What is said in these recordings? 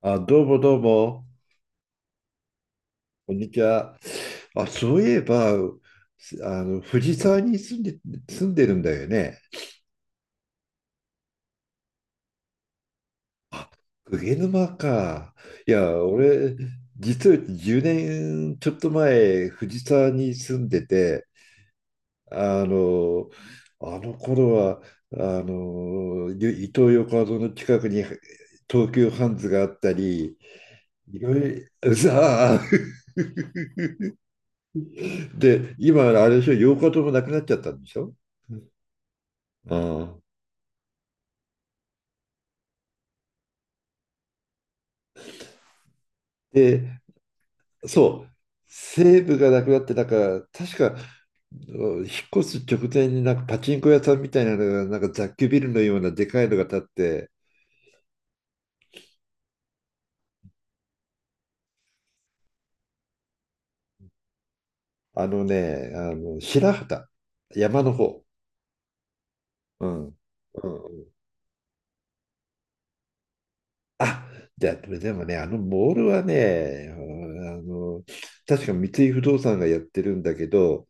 あ、どうもどうも、こんにちは。あ、そういえば、すあの、藤沢に住んでるんだよね。あ、鵠沼か。いや、俺、実は10年ちょっと前、藤沢に住んでて、あの、あの頃は、伊東横浜の近くに東急ハンズがあったり、いろいろ、さあ。で、今、あれでしょ、8日ともなくなっちゃったんでしょ？ああ。で、そう、西武がなくなって、なんか、確か、引っ越す直前になんかパチンコ屋さんみたいなのが、なんか雑居ビルのようなでかいのが建って。あのね、あの白畑、山の方。うん。うん。あ、でもね、あのモールはね、あの、確か三井不動産がやってるんだけど、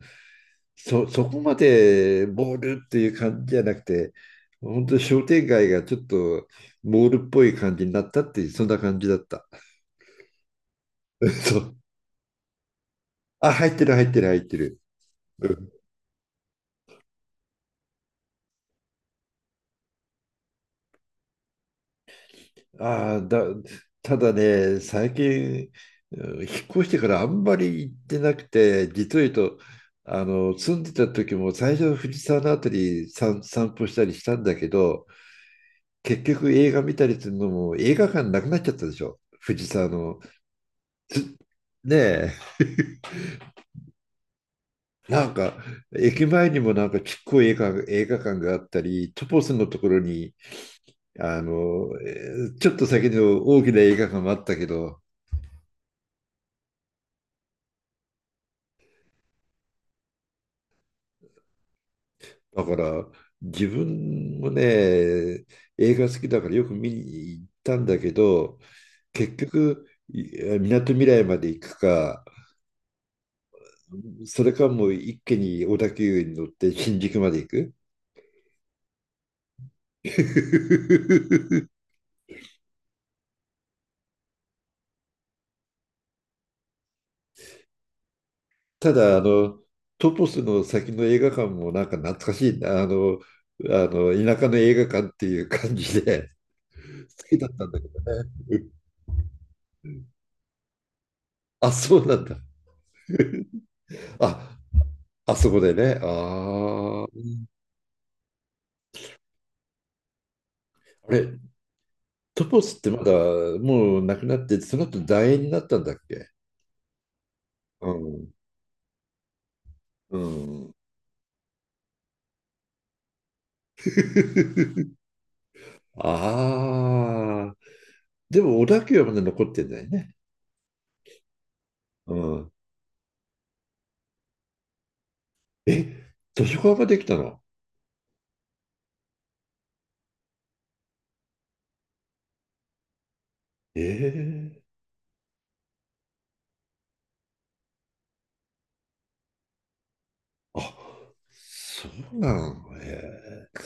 そこまでモールっていう感じじゃなくて、本当に商店街がちょっとモールっぽい感じになったっていう、そんな感じだった。そう。あ、入ってる入ってる入ってる。うん。ああ、ただね、最近、うん、引っ越してからあんまり行ってなくて、実を言うと、住んでた時も最初藤沢のあたり散歩したりしたんだけど、結局映画見たりするのも映画館なくなっちゃったでしょ。藤沢の。ねえ。なんか、駅前にもなんかちっこい映画館があったり、トポスのところに、ちょっと先の大きな映画館もあったけど、だから、自分もね、映画好きだからよく見に行ったんだけど、結局、みなとみらいまで行くか、それかもう一気に小田急に乗って新宿まで行く。ただ、トトスの先の映画館もなんか懐かしいな、田舎の映画館っていう感じで好きだったんだけどね。うん。あ、そうなんだ。あ、あそこでね。ああ。あれ、トトスってもうなくなって、その後楕円になったんだっけ？うん。うん。ああ。でも、小田急はまだ残ってんだよね。うん。え、図書館ができたの？ええ、あ、そうなのねえ。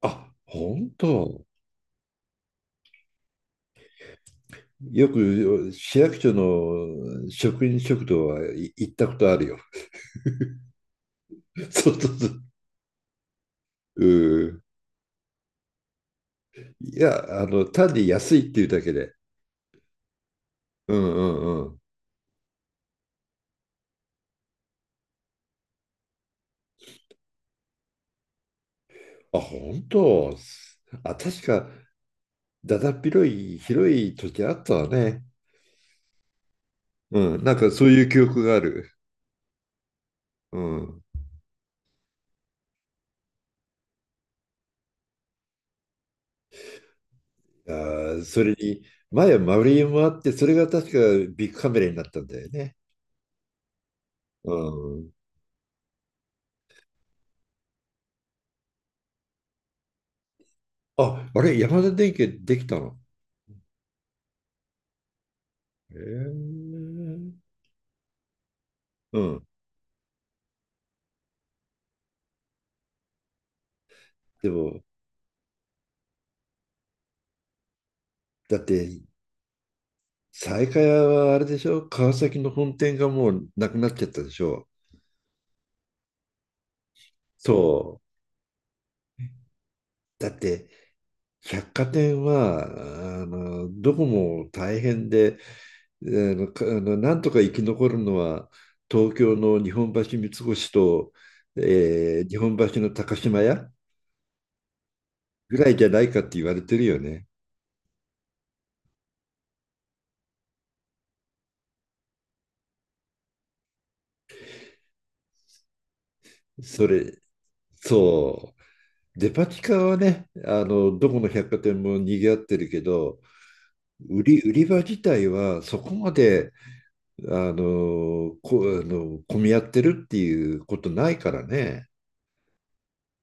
あ、本当。よく市役所の職員食堂、はい、行ったことあるよ。そうそうそう。うん。いや、単に安いっていうだけで。うんうんうん。あ、本当。あ、確か、だだっ広い、広い時あったわね。うん。なんかそういう記憶がある。うん。あー、それに、前は丸いもあって、それが確かビッグカメラになったんだよね。うん。あ、あれ、山田電機できたの？へえ。うん。でも、だって、西海屋はあれでしょ、川崎の本店がもうなくなっちゃったでしょ？そう。だって、百貨店は、どこも大変で、あの、かあの、なんとか生き残るのは、東京の日本橋三越と、日本橋の高島屋ぐらいじゃないかって言われてるよね。それ、そう。デパ地下はね、どこの百貨店も賑わってるけど、売り場自体はそこまで、あの、こ、あの、混み合ってるっていうことないからね。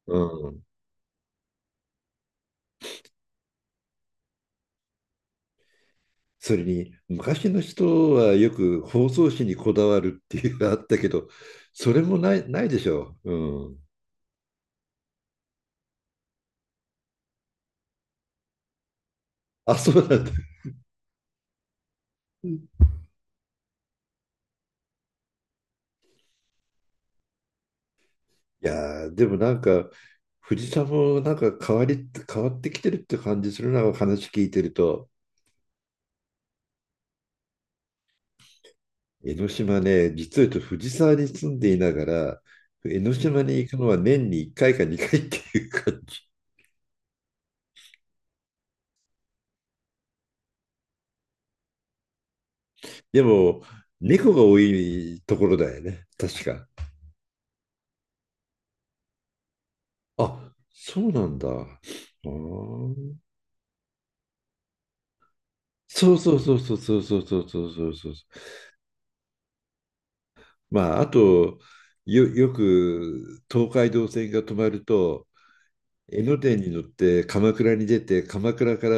うん。それに、昔の人はよく包装紙にこだわるっていうのがあったけど、それもないでしょう。うん。あ、そうなんだ。いやーでもなんか、藤さんもなんか変わってきてるって感じするな、話聞いてると。江ノ島ね、実は言うと藤沢に住んでいながら、江ノ島に行くのは年に1回か2回っていう感じ。でも、猫が多いところだよね、確か。あ、そうなんだ。あー、そうそうそうそうそうそうそうそうそうそう。まあ、あと、よく東海道線が止まると、江ノ電に乗って鎌倉に出て、鎌倉から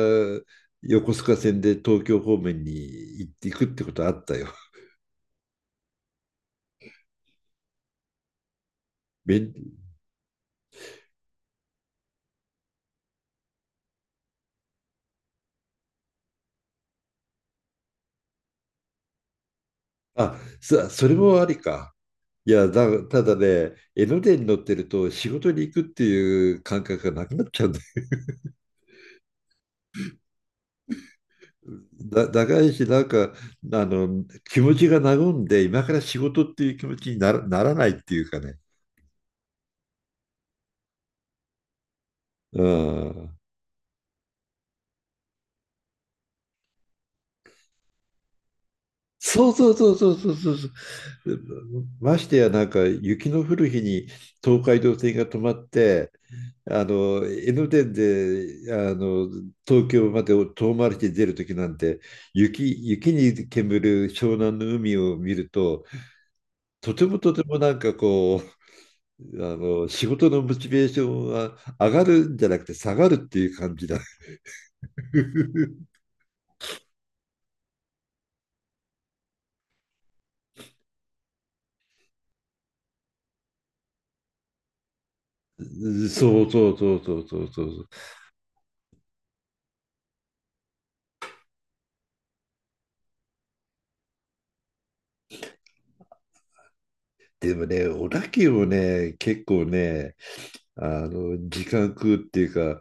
横須賀線で東京方面に行っていくってことあったよ。便あ、それもありか。いや、ただね、江ノ電に乗ってると仕事に行くっていう感覚がなくなっちゃうんだよ。長いし、なんか、あの、気持ちが和んで、今から仕事っていう気持ちにならないっていうかね。うん。そうそうそうそうそうそうそう。ましてやなんか雪の降る日に東海道線が止まって、あの江ノ電で東京まで遠回りして出る時なんて、雪に煙る湘南の海を見ると、とてもとてもなんかこう仕事のモチベーションは上がるんじゃなくて下がるっていう感じだ。そうそうそうそうそうそう。でもね、小田急もね、結構ね、時間食うっていうか、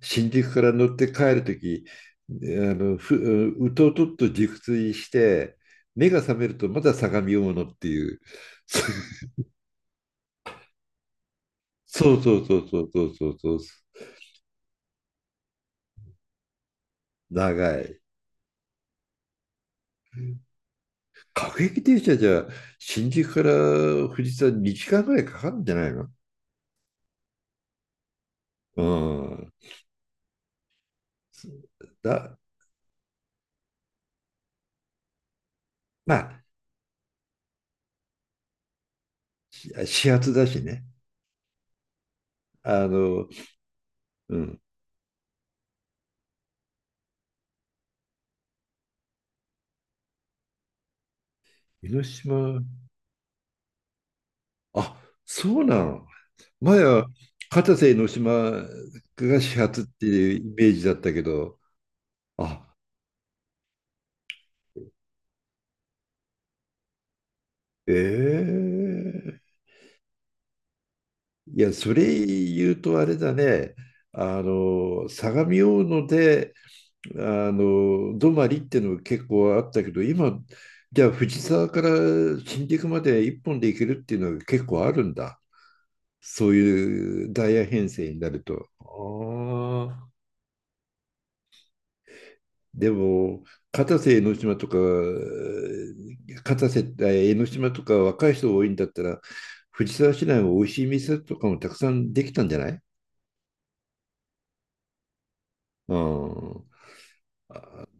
新宿から乗って帰るとき、あの、ふ、うとうとっと熟睡して、目が覚めるとまだ相模大野っていう。そうそうそうそうそうそうそう、長い。各駅停車じゃ、新宿から富士山2時間ぐらいかかるんじゃないの？うん。だ、まあ、始発だしね。あの、うん。江ノ島、あ、そうなの。前は片瀬の島が始発っていうイメージだったけど、あ、ええ、いや、それ言うとあれだね、相模大野で、泊まりっていうのが結構あったけど、今、じゃあ藤沢から新宿まで一本で行けるっていうのが結構あるんだ。そういうダイヤ編成になると。ああ。でも、片瀬江ノ島とか、片瀬、え江ノ島とか若い人多いんだったら、藤沢市内も美味しい店とかもたくさんできたんじゃない？うん。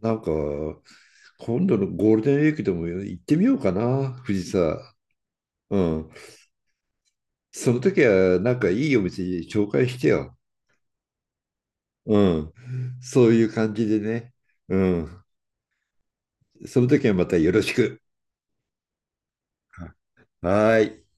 なんか、今度のゴールデンウィークでも行ってみようかな、藤沢。うん。その時は、なんかいいお店紹介してよ。うん。そういう感じでね。うん。その時はまたよろしく。はーい。